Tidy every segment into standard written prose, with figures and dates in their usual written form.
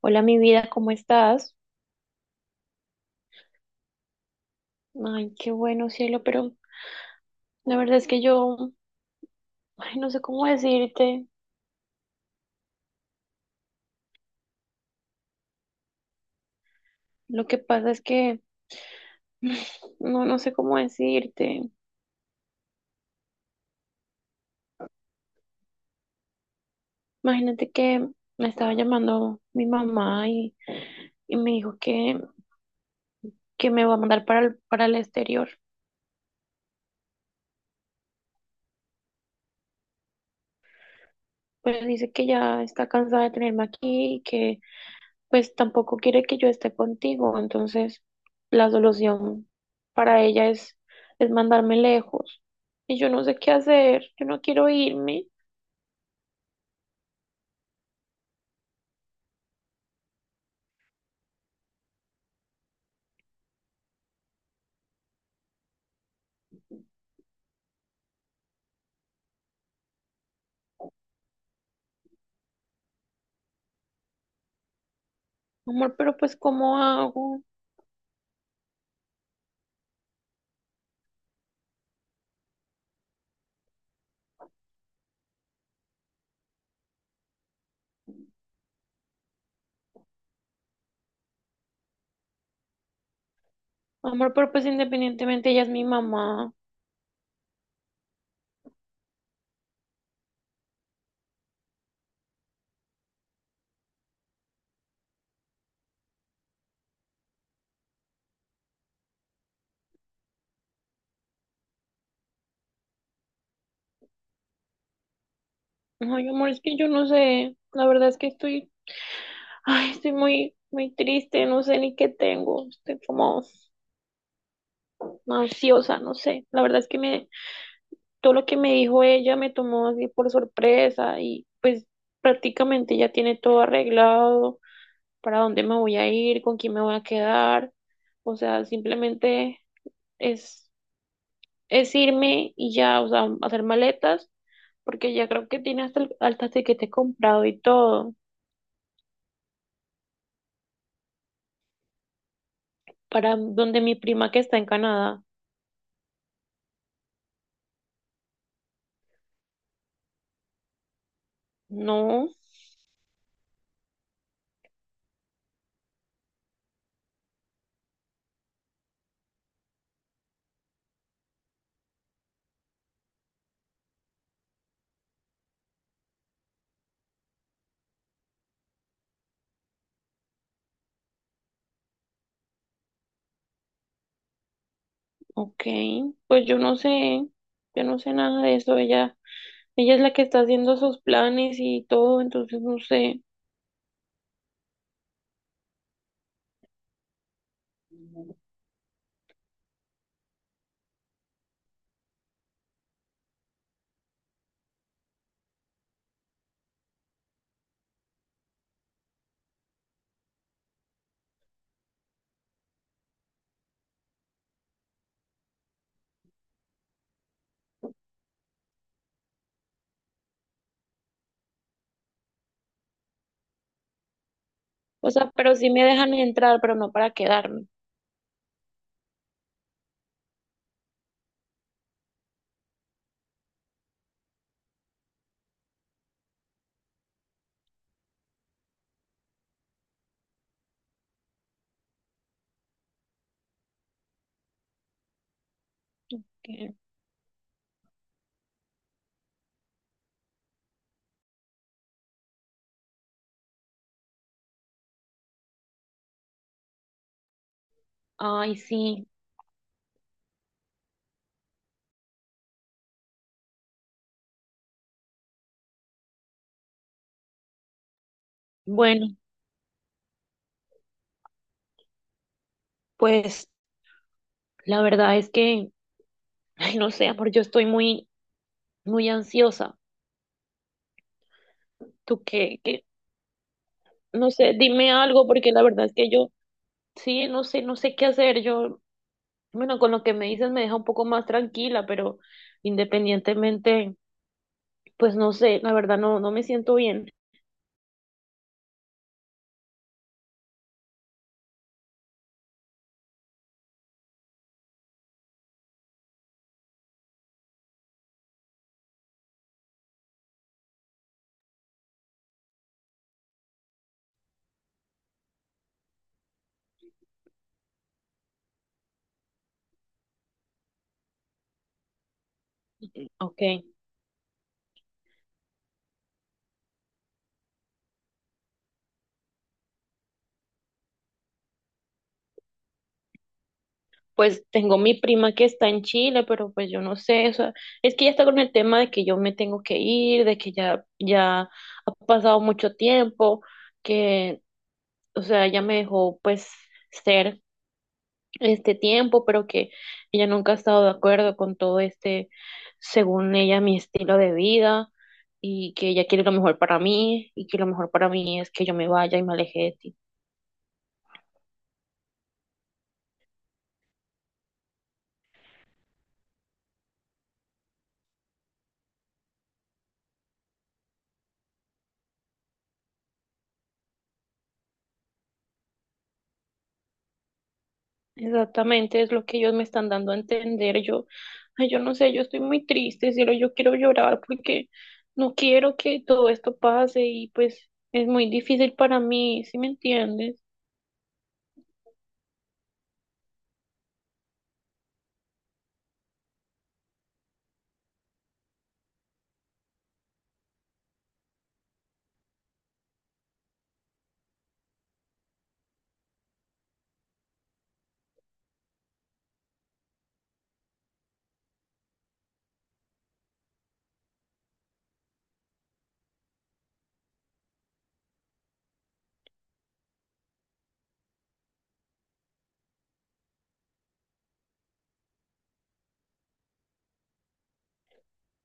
Hola, mi vida, ¿cómo estás? Ay, qué bueno, cielo, pero la verdad es que yo, ay, no sé cómo decirte. Lo que pasa es que no, no sé cómo decirte. Imagínate que me estaba llamando mi mamá y me dijo que me va a mandar para el exterior. Pues dice que ya está cansada de tenerme aquí y que pues tampoco quiere que yo esté contigo, entonces la solución para ella es mandarme lejos. Y yo no sé qué hacer, yo no quiero irme. Amor, pero pues ¿cómo hago? Amor, pero pues independientemente ella es mi mamá. Ay, amor, es que yo no sé. La verdad es que estoy, ay, estoy muy, muy triste, no sé ni qué tengo. Estoy como ansiosa, no sé. La verdad es que me, todo lo que me dijo ella me tomó así por sorpresa y pues prácticamente ya tiene todo arreglado, para dónde me voy a ir, con quién me voy a quedar, o sea, simplemente es, es irme y ya, o sea, hacer maletas, porque ya creo que tiene hasta el tiquete comprado y todo, para donde mi prima que está en Canadá. No, ok, pues yo no sé nada de eso, ella es la que está haciendo sus planes y todo, entonces no sé. O sea, pero sí me dejan entrar, pero no para quedarme. Que- Ay, sí. Bueno, pues la verdad es que, ay, no sé, amor, yo estoy muy, muy ansiosa. ¿Tú qué, qué? No sé, dime algo, porque la verdad es que yo, sí, no sé, no sé qué hacer. Yo, bueno, con lo que me dices me deja un poco más tranquila, pero independientemente, pues no sé, la verdad no, no me siento bien. Ok, pues tengo mi prima que está en Chile, pero pues yo no sé, o sea, es que ya está con el tema de que yo me tengo que ir, de que ya, ya ha pasado mucho tiempo, que, o sea, ella me dejó pues ser este tiempo, pero que ella nunca ha estado de acuerdo con todo este, según ella, mi estilo de vida. Y que ella quiere lo mejor para mí, y que lo mejor para mí es que yo me vaya y me aleje de ti. Exactamente, es lo que ellos me están dando a entender. Yo, ay, yo no sé, yo estoy muy triste, cielo, yo quiero llorar porque no quiero que todo esto pase y pues es muy difícil para mí, ¿sí me entiendes?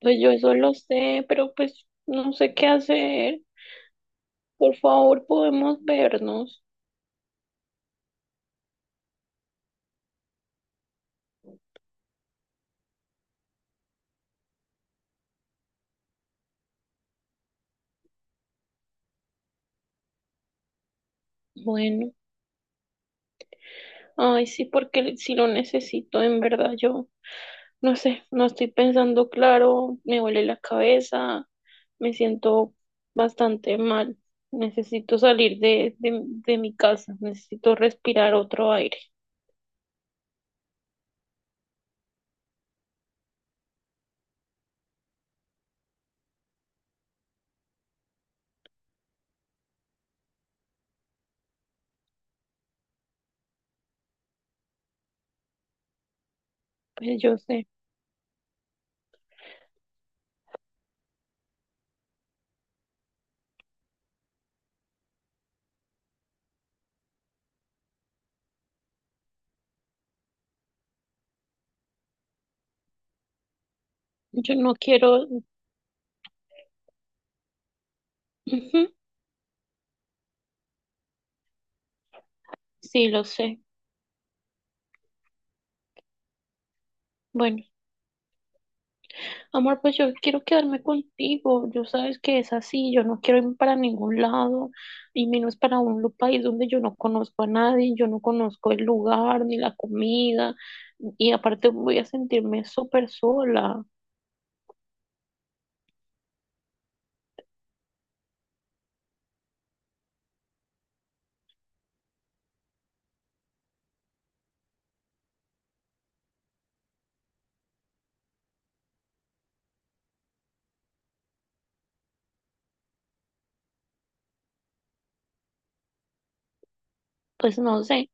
Pues yo eso lo sé, pero pues no sé qué hacer. Por favor, ¿podemos vernos? Bueno, ay, sí, porque sí lo necesito, en verdad, yo. No sé, no estoy pensando claro, me duele la cabeza, me siento bastante mal. Necesito salir de mi casa, necesito respirar otro aire. Pues yo sé, yo no quiero. Ujú. Sí, lo sé. Bueno. Amor, pues yo quiero quedarme contigo. Yo sabes que es así. Yo no quiero irme para ningún lado y menos para un país donde yo no conozco a nadie, yo no conozco el lugar ni la comida y aparte voy a sentirme súper sola. Pues no sé.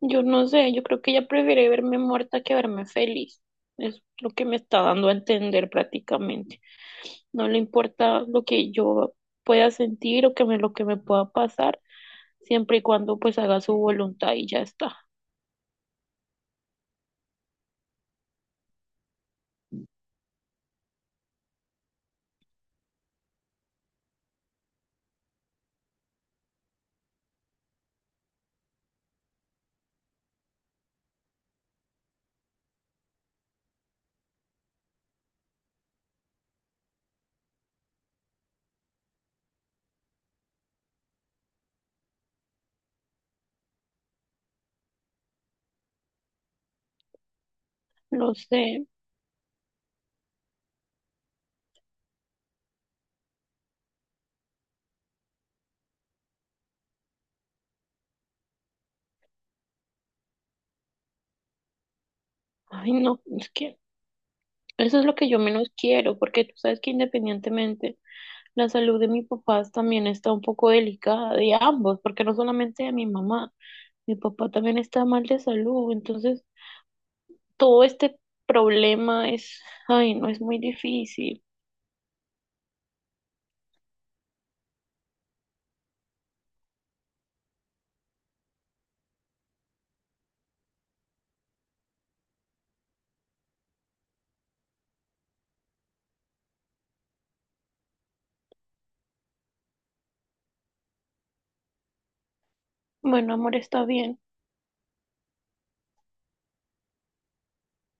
Yo no sé, yo creo que ella prefiere verme muerta que verme feliz. Es lo que me está dando a entender prácticamente. No le importa lo que yo pueda sentir o que me, lo que me pueda pasar, siempre y cuando pues haga su voluntad y ya está. Lo sé. Ay, no, es que eso es lo que yo menos quiero, porque tú sabes que independientemente la salud de mis papás también está un poco delicada, de ambos, porque no solamente de mi mamá, mi papá también está mal de salud, entonces todo este problema es, ay, no es muy difícil. Bueno, amor, está bien.